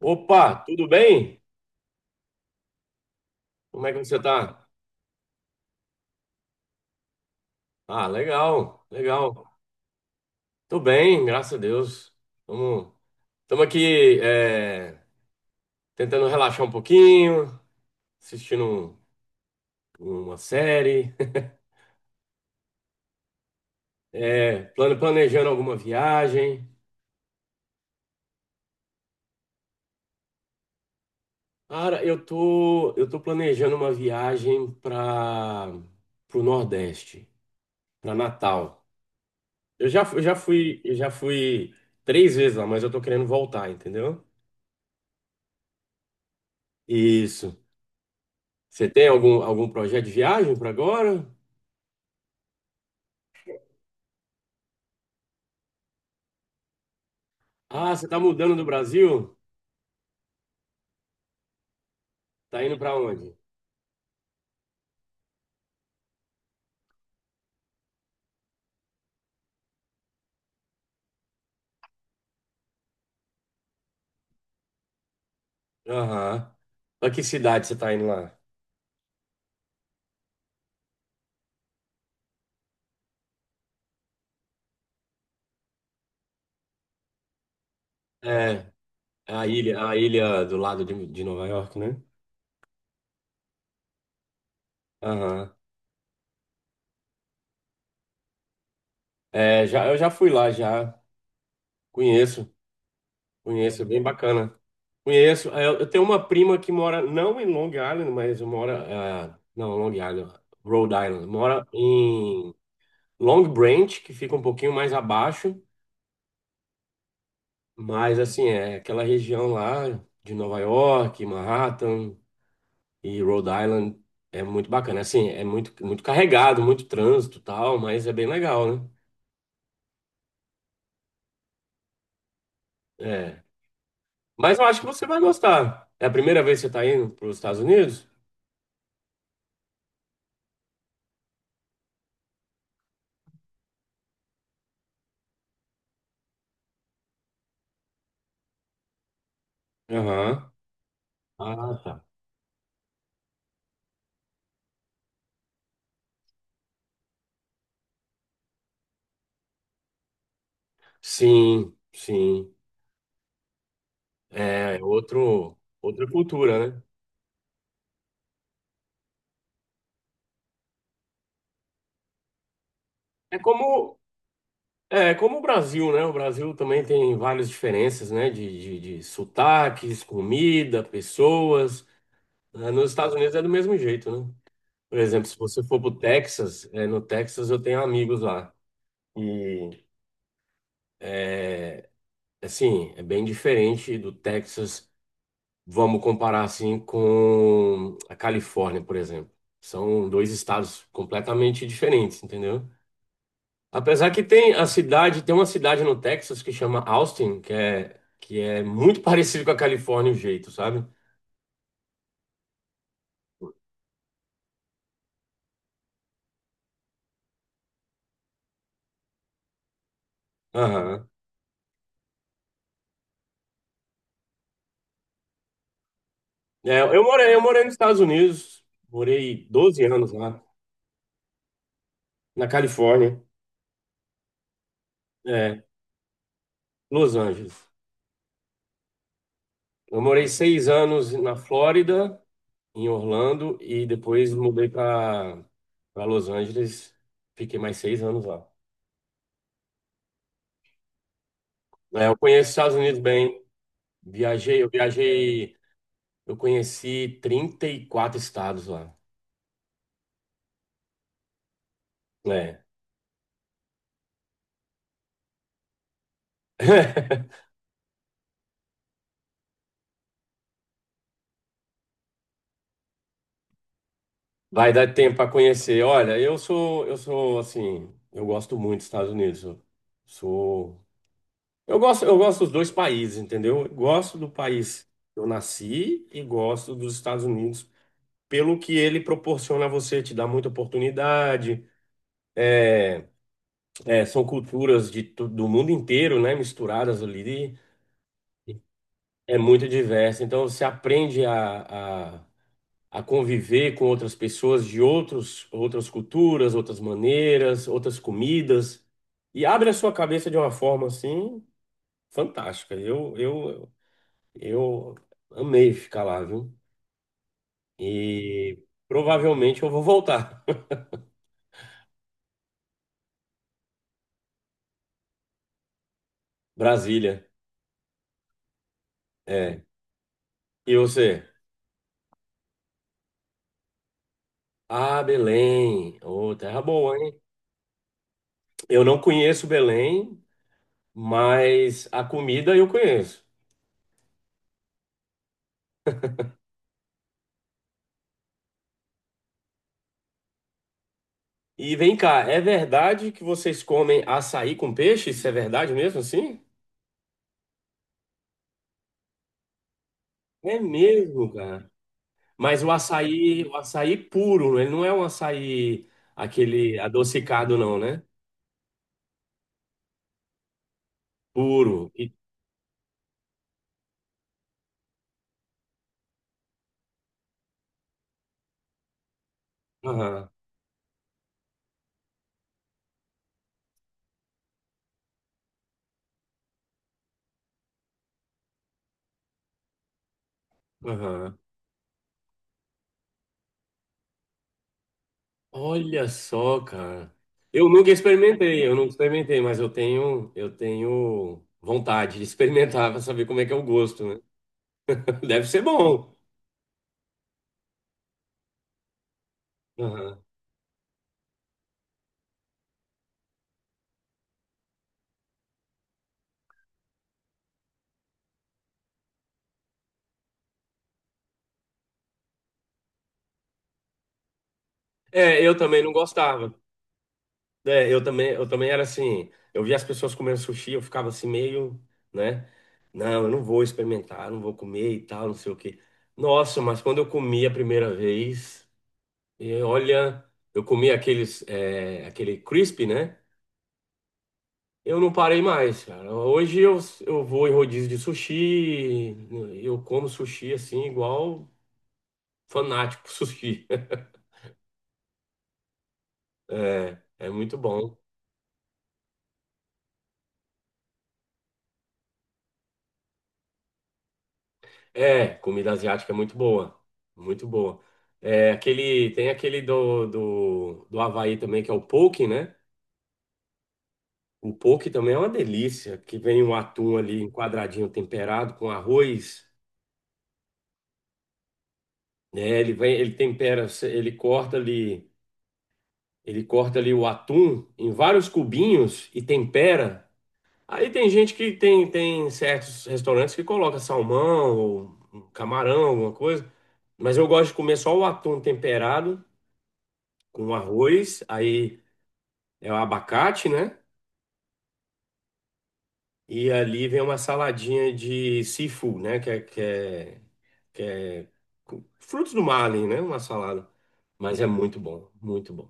Opa, tudo bem? Como é que você tá? Ah, legal, legal. Tô bem, graças a Deus. Tamo, tamo aqui, tentando relaxar um pouquinho, assistindo uma série, planejando alguma viagem. Cara, eu tô planejando uma viagem para pro Nordeste, para Natal. Eu já, fu- eu já fui três vezes lá, mas eu tô querendo voltar, entendeu? Isso. Você tem algum projeto de viagem para agora? Ah, você está mudando do Brasil? Tá indo para onde? Aham. Para que cidade você está indo lá? É, a ilha do lado de Nova York, né? Aham. É, já, eu já fui lá, já. Conheço, conheço, é bem bacana. Conheço. É, eu tenho uma prima que mora, não em Long Island, mas mora. É, não, Long Island, Rhode Island. Mora em Long Branch, que fica um pouquinho mais abaixo. Mas assim, é aquela região lá de Nova York, Manhattan e Rhode Island é muito bacana. Assim, é muito, muito carregado, muito trânsito e tal, mas é bem legal, né? É. Mas eu acho que você vai gostar. É a primeira vez que você está indo para os Estados Unidos? Aham. Ah, tá. Sim, sim. É outro, outra cultura, né? É como, é como o Brasil, né? O Brasil também tem várias diferenças, né? De sotaques, comida, pessoas. É, nos Estados Unidos é do mesmo jeito, né? Por exemplo, se você for pro Texas, no Texas eu tenho amigos lá. E, é, assim, é bem diferente do Texas, vamos comparar, assim, com a Califórnia, por exemplo. São dois estados completamente diferentes, entendeu? Apesar que tem a cidade, tem uma cidade no Texas que chama Austin, que é muito parecido com a Califórnia, o jeito, sabe? Aham. É, eu morei nos Estados Unidos, morei 12 anos lá. Na Califórnia, é, Los Angeles. Eu morei 6 anos na Flórida, em Orlando, e depois mudei para Los Angeles. Fiquei mais 6 anos lá. É, eu conheço os Estados Unidos bem. Viajei, eu viajei, eu conheci 34 estados lá. É. Vai dar tempo para conhecer. Olha, eu sou assim, eu gosto muito dos Estados Unidos. Sou eu gosto dos dois países, entendeu? Eu gosto do país que eu nasci e gosto dos Estados Unidos pelo que ele proporciona a você, te dá muita oportunidade. É, São culturas do mundo inteiro, né, misturadas ali, é muito diverso. Então você aprende a conviver com outras pessoas de outros, outras culturas, outras maneiras, outras comidas e abre a sua cabeça de uma forma assim fantástica. Eu amei ficar lá, viu? E provavelmente eu vou voltar. Brasília, é. E você? Ah, Belém. Ô, terra boa, hein? Eu não conheço Belém, mas a comida eu conheço. E vem cá, é verdade que vocês comem açaí com peixe? Isso é verdade mesmo assim? É mesmo, cara. Mas o açaí puro, ele não é um açaí aquele adocicado, não, né? Puro. Aham, aham. Olha só, cara. Eu nunca experimentei, mas eu tenho vontade de experimentar para saber como é que é o gosto, né? Deve ser bom. Aham. É, eu também não gostava. É, eu também era assim, eu via as pessoas comendo sushi, eu ficava assim meio, né? Não, eu não vou experimentar, eu não vou comer e tal, não sei o quê. Nossa, mas quando eu comi a primeira vez, e olha, eu comi aqueles, aquele crisp, né? Eu não parei mais, cara. Hoje eu vou em rodízio de sushi, eu como sushi assim, igual fanático por sushi. É, é muito bom. É, comida asiática é muito boa. Muito boa. É, aquele, tem aquele do Havaí também, que é o poke, né? O poke também é uma delícia, que vem um atum ali em quadradinho temperado com arroz, né? Ele vem, ele tempera, ele corta ali. Ele corta ali o atum em vários cubinhos e tempera. Aí tem gente que tem certos restaurantes que coloca salmão ou um camarão, alguma coisa. Mas eu gosto de comer só o atum temperado com arroz, aí é o abacate, né? E ali vem uma saladinha de seafood, né? Que é Frutos do mar ali, né? Uma salada. Mas é muito bom, muito bom.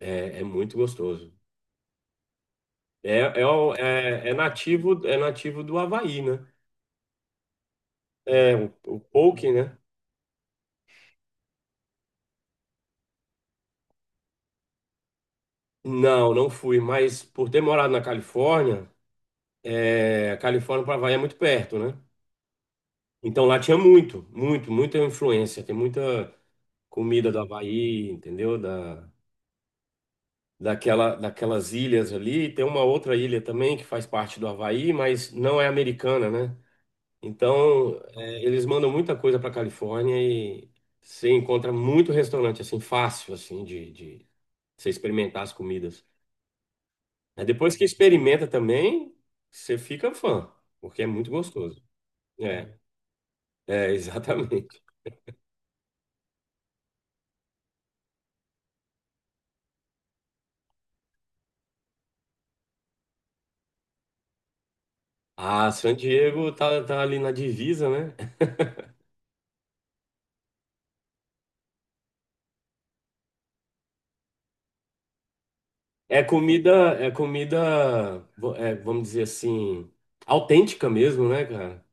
É, é muito gostoso. É nativo do Havaí, né? É, o poke, né? Não, não fui, mas por ter morado na Califórnia, Califórnia para Havaí é muito perto, né? Então lá tinha muito, muito, muita influência. Tem muita comida do Havaí, entendeu? Daquelas ilhas ali. Tem uma outra ilha também que faz parte do Havaí, mas não é americana, né? Então, eles mandam muita coisa para Califórnia e você encontra muito restaurante, assim, fácil, assim, de você experimentar as comidas. Aí depois que experimenta também, você fica fã, porque é muito gostoso. É, exatamente. Ah, San Diego tá ali na divisa, né? É comida, é comida, vamos dizer assim, autêntica mesmo, né, cara?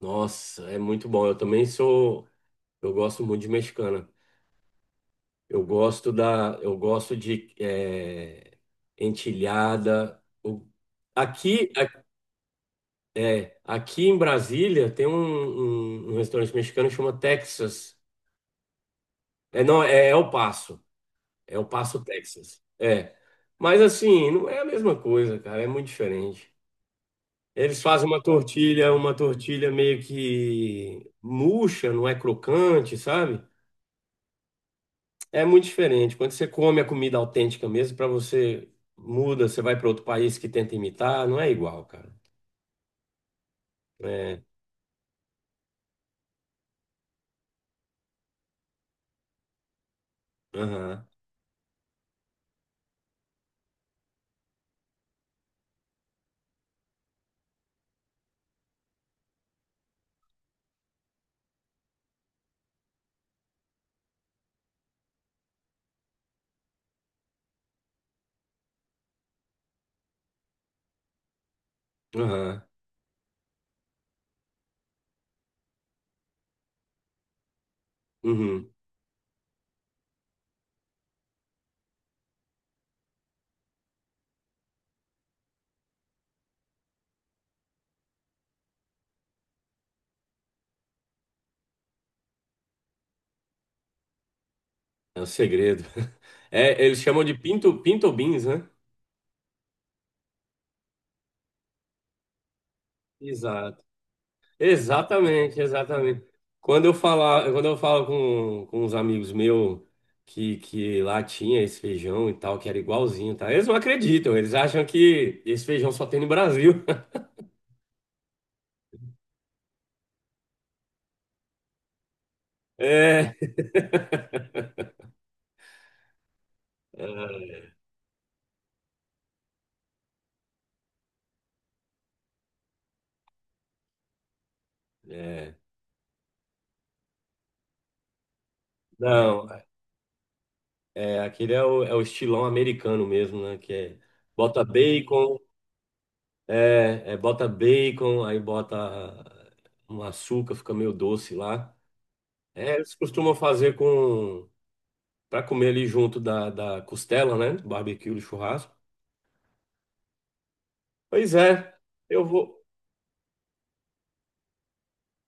Nossa, é muito bom. Eu gosto muito de mexicana. Eu gosto de entilhada. Aqui, aqui em Brasília tem um restaurante mexicano que chama Texas. É, não, é El Paso. É El Paso, Texas. É. Mas assim, não é a mesma coisa, cara. É muito diferente. Eles fazem uma tortilha meio que murcha, não é crocante, sabe? É muito diferente. Quando você come a comida autêntica mesmo, para você muda, você vai para outro país que tenta imitar, não é igual, cara. É, aham, aham, uhum, é o segredo. É, eles chamam de pinto beans, né? Exato. Exatamente, exatamente. Quando eu falo com uns amigos meus que lá tinha esse feijão e tal, que era igualzinho, tá? Eles não acreditam, eles acham que esse feijão só tem no Brasil. É, é. Não, é, aquele é o estilão americano mesmo, né? Que é bota bacon, bota bacon, aí bota um açúcar, fica meio doce lá. É, eles costumam fazer com para comer ali junto da costela, né? Do barbecue, do churrasco. Pois é, eu vou.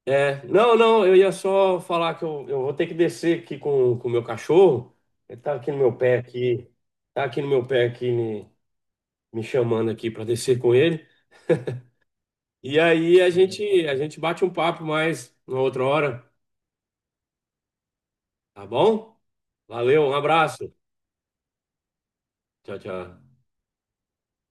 É, não, não, eu ia só falar que eu vou ter que descer aqui com o meu cachorro. Ele tá aqui no meu pé aqui, tá aqui no meu pé aqui me, me chamando aqui para descer com ele. E aí a gente bate um papo mais uma outra hora, tá bom? Valeu, um abraço. Tchau, tchau.